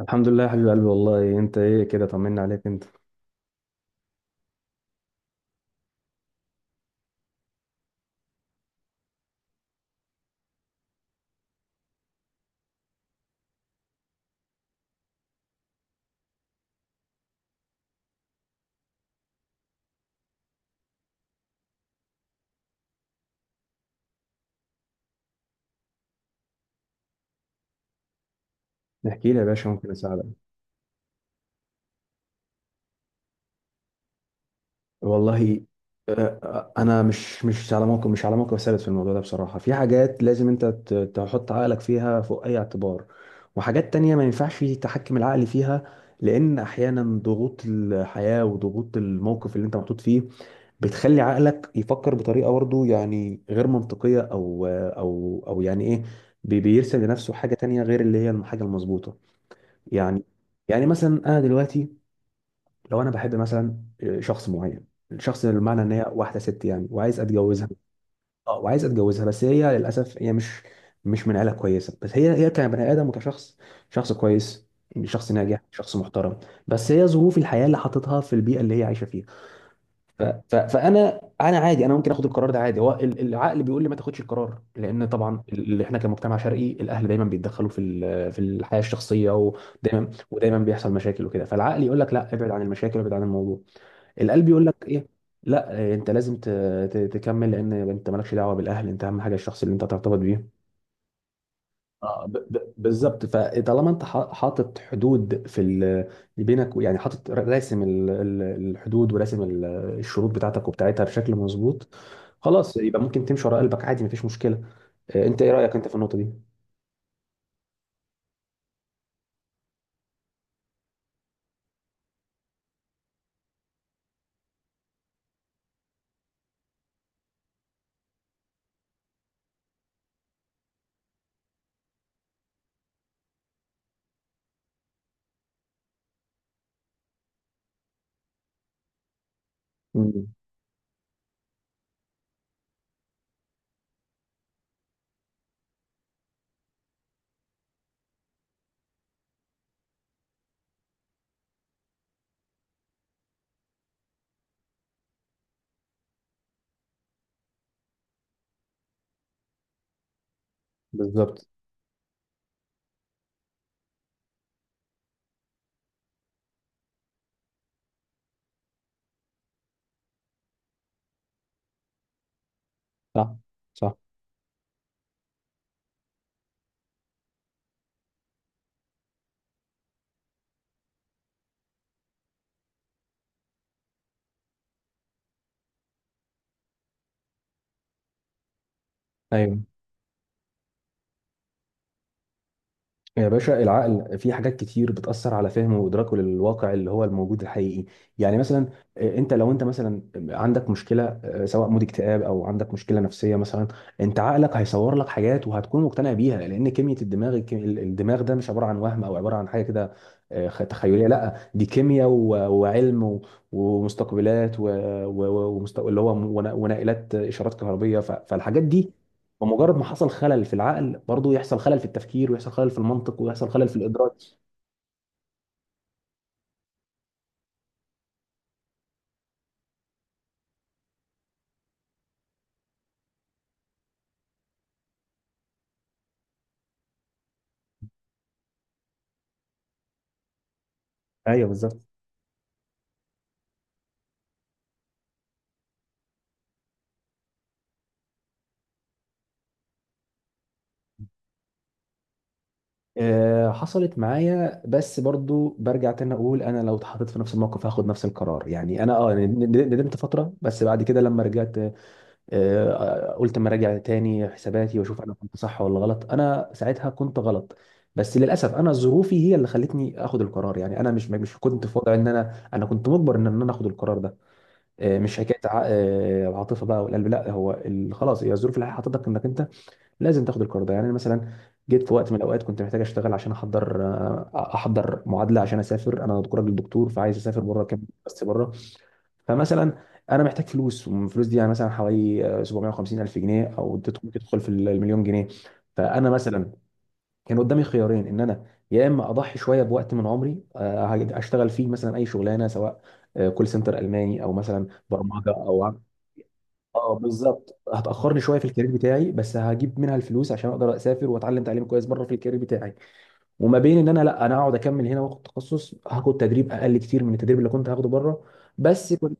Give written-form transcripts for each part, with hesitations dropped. الحمد لله يا حبيب قلبي، والله انت ايه كده، طمنا عليك انت. احكي لي يا باشا، ممكن اساعدك؟ والله. آه، انا مش على موقف ثابت في الموضوع ده، بصراحه في حاجات لازم انت تحط عقلك فيها فوق اي اعتبار، وحاجات تانية ما ينفعش تحكم العقل فيها، لان احيانا ضغوط الحياه وضغوط الموقف اللي انت محطوط فيه بتخلي عقلك يفكر بطريقه برضه يعني غير منطقيه، او يعني ايه، بيرسم لنفسه حاجه تانية غير اللي هي الحاجه المظبوطه. يعني يعني مثلا انا دلوقتي لو انا بحب مثلا شخص معين، الشخص ده بمعنى ان هي واحده ست يعني، وعايز اتجوزها. اه، وعايز اتجوزها، بس هي للاسف هي مش من عيله كويسه، بس هي هي كبني ادم وكشخص، شخص كويس، شخص ناجح، شخص محترم. بس هي ظروف الحياه اللي حاططها في البيئه اللي هي عايشه فيها. فانا انا عادي، انا ممكن اخد القرار ده عادي. هو العقل بيقول لي ما تاخدش القرار، لان طبعا اللي احنا كمجتمع شرقي الاهل دايما بيتدخلوا في الحياه الشخصيه، ودايما بيحصل مشاكل وكده، فالعقل يقول لك لا، ابعد عن المشاكل وابعد عن الموضوع. القلب يقول لك ايه؟ لا، إيه، انت لازم تكمل، لان انت مالكش دعوه بالاهل، انت اهم حاجه الشخص اللي انت ترتبط بيه. بالظبط. فطالما انت حاطط حدود بينك، يعني حاطط راسم الحدود، وراسم الشروط بتاعتك وبتاعتها بشكل مظبوط، خلاص يبقى ممكن تمشي ورا قلبك عادي، مفيش مشكله. انت ايه رايك انت في النقطه دي؟ مم. بالظبط. صح، صح. ايوه، يا باشا العقل في حاجات كتير بتأثر على فهمه وإدراكه للواقع اللي هو الموجود الحقيقي. يعني مثلا انت لو مثلا عندك مشكلة، سواء مود اكتئاب او عندك مشكلة نفسية مثلا، انت عقلك هيصور لك حاجات وهتكون مقتنع بيها، لأن كمية الدماغ الدماغ ده مش عبارة عن وهم او عبارة عن حاجة كده تخيلية، لا دي كيمياء وعلم ومستقبلات، اللي هو ونائلات إشارات كهربية، فالحاجات دي بمجرد ما حصل خلل في العقل برضه يحصل خلل في التفكير، ويحصل خلل في المنطق، ويحصل خلل في الإدراك. ايوه، بالظبط. حصلت معايا، بس برضو برجع تاني اقول انا لو اتحطيت في نفس الموقف هاخد نفس القرار. يعني انا ندمت فتره، بس بعد كده لما رجعت قلت اما اراجع تاني حساباتي واشوف انا كنت صح ولا غلط. انا ساعتها كنت غلط، بس للاسف انا ظروفي هي اللي خلتني اخد القرار. يعني انا مش كنت في وضع، ان انا كنت مجبر ان انا اخد القرار ده. مش حكايه العاطفه بقى والقلب لا، هو خلاص هي الظروف الحياه حطتك انك انت لازم تاخد القرار ده. يعني انا مثلا جيت في وقت من الاوقات كنت محتاج اشتغل عشان احضر معادله عشان اسافر، انا راجل دكتور، فعايز اسافر بره، كام بس بره. فمثلا انا محتاج فلوس، والفلوس دي يعني مثلا حوالي 750 الف جنيه، ممكن تدخل في المليون جنيه. فانا مثلا كان قدامي خيارين، ان انا يا اما اضحي شويه بوقت من عمري، اشتغل فيه مثلا اي شغلانه، سواء كول سنتر الماني او مثلا برمجه، او اه بالظبط، هتاخرني شويه في الكارير بتاعي، بس هجيب منها الفلوس عشان اقدر اسافر واتعلم تعليم كويس بره في الكارير بتاعي، وما بين ان انا لا، انا اقعد اكمل هنا واخد تخصص، هاخد تدريب اقل كتير من التدريب اللي كنت هاخده بره. بس كنت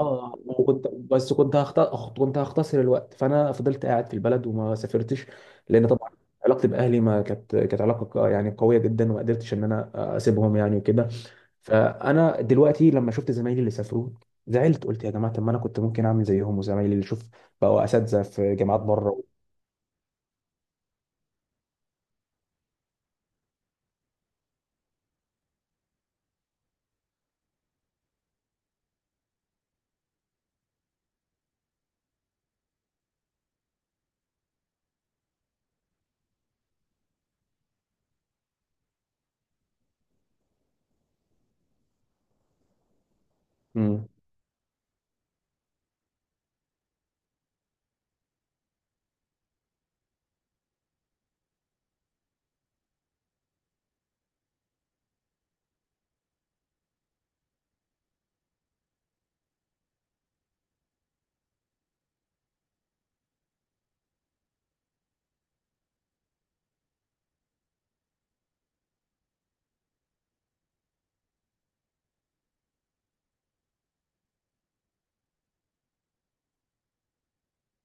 اه وكنت بس كنت هخت... كنت هختصر الوقت، فانا فضلت قاعد في البلد وما سافرتش، لان طبعا علاقتي باهلي ما كانت كانت علاقه قويه جدا، وما قدرتش ان انا اسيبهم يعني وكده. فانا دلوقتي لما شفت زمايلي اللي سافروا زعلت، قلت يا جماعه طب ما انا كنت ممكن اعمل زيهم، وزمايلي اللي شوف بقوا اساتذه في جامعات بره. امم.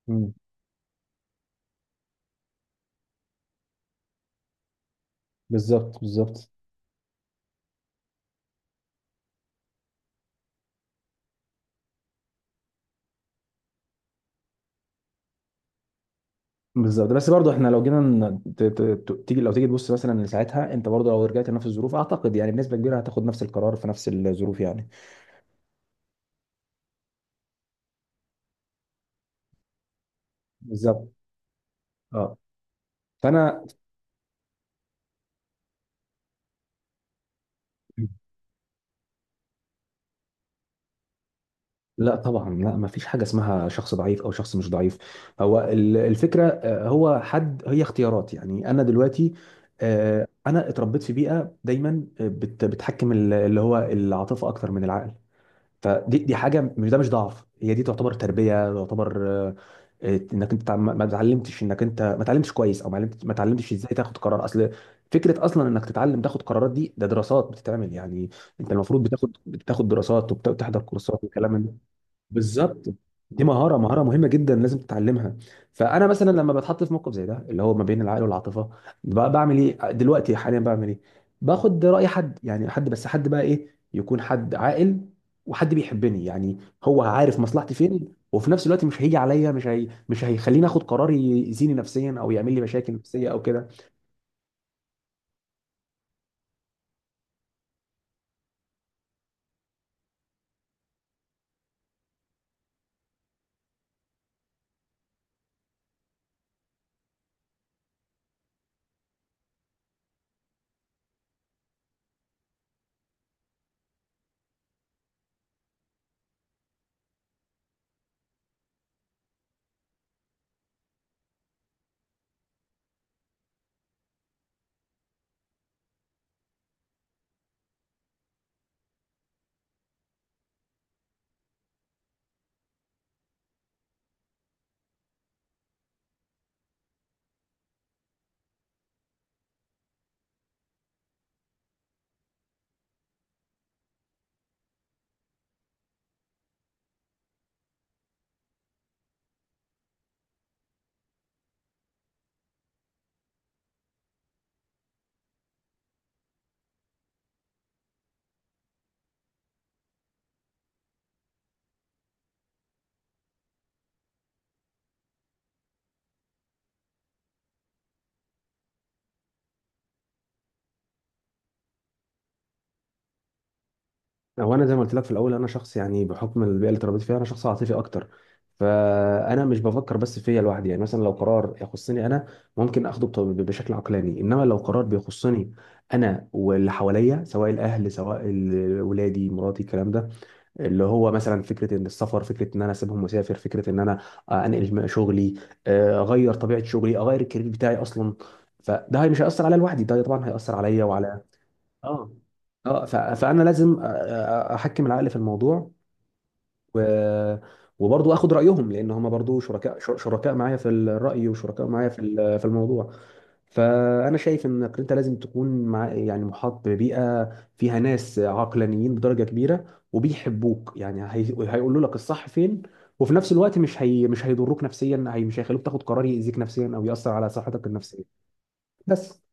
امم. بالظبط، بالظبط، بالظبط. بس برضه احنا لو جينا ن- ت- ت- ت- تيجي لو تيجي تبص مثلا لساعتها، انت برضه لو رجعت لنفس الظروف اعتقد يعني بنسبه كبيره هتاخد نفس القرار في نفس الظروف يعني. بالظبط. اه. فانا لا طبعا، لا ما فيش حاجه اسمها شخص ضعيف او شخص مش ضعيف. هو الفكره، آه، هو حد هي اختيارات. يعني انا دلوقتي انا اتربيت في بيئه دايما بتحكم اللي هو العاطفه اكتر من العقل. فدي حاجه، مش ضعف، هي دي تعتبر تربيه، تعتبر انك انت ما اتعلمتش، انك انت ما اتعلمتش كويس، او ما اتعلمتش ازاي تاخد قرار اصل. فكره اصلا انك تتعلم تاخد قرارات دي ده دراسات بتتعمل يعني، انت المفروض بتاخد دراسات وبتحضر كورسات وكلام من ده. بالظبط، دي مهارة مهمة جدا لازم تتعلمها. فأنا مثلا لما بتحط في موقف زي ده اللي هو ما بين العقل والعاطفة، بقى بعمل إيه دلوقتي، حاليا بعمل إيه؟ باخد رأي حد، يعني حد، بس حد بقى إيه؟ يكون حد عاقل وحد بيحبني، يعني هو عارف مصلحتي فين، وفي نفس الوقت مش هيجي عليا مش هي... مش هيخليني آخد قرار يأذيني نفسيا أو يعمل لي مشاكل نفسية أو كده. هو انا زي ما قلت لك في الاول، انا شخص يعني بحكم البيئه اللي اتربيت فيها انا شخص عاطفي اكتر، فانا مش بفكر بس فيا لوحدي. يعني مثلا لو قرار يخصني انا ممكن اخده بشكل عقلاني، انما لو قرار بيخصني انا واللي حواليا، سواء الاهل سواء ولادي مراتي الكلام ده، اللي هو مثلا فكره ان السفر، فكره ان انا اسيبهم مسافر، فكره ان انا انقل شغلي، اغير طبيعه شغلي، اغير الكارير بتاعي اصلا، فده مش هيأثر عليا لوحدي، ده طبعا هيأثر عليا وعلى. اه، اه، فانا لازم احكم العقل في الموضوع، و وبرضه اخد رايهم، لان هم برضه شركاء، شركاء معايا في الراي وشركاء معايا في الموضوع. فانا شايف انك انت لازم تكون مع، يعني محاط ببيئه فيها ناس عقلانيين بدرجه كبيره وبيحبوك، هيقولوا لك الصح فين، وفي نفس الوقت مش هيضروك نفسيا، مش هيخلوك تاخد قرار يأذيك نفسيا او يأثر على صحتك النفسيه. بس،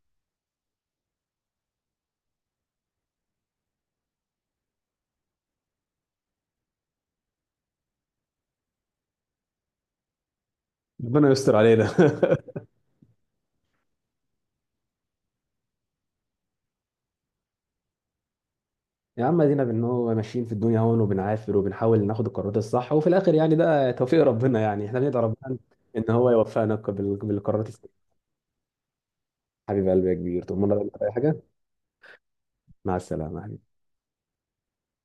ربنا يستر علينا. يا عم ادينا بان هو ماشيين في الدنيا هون، وبنعافر وبنحاول ناخد القرارات الصح، وفي الاخر يعني ده توفيق ربنا. يعني احنا بندعي ربنا ان هو يوفقنا بالقرارات الصح. حبيب قلبي يا كبير. طب اي حاجه. مع السلامه.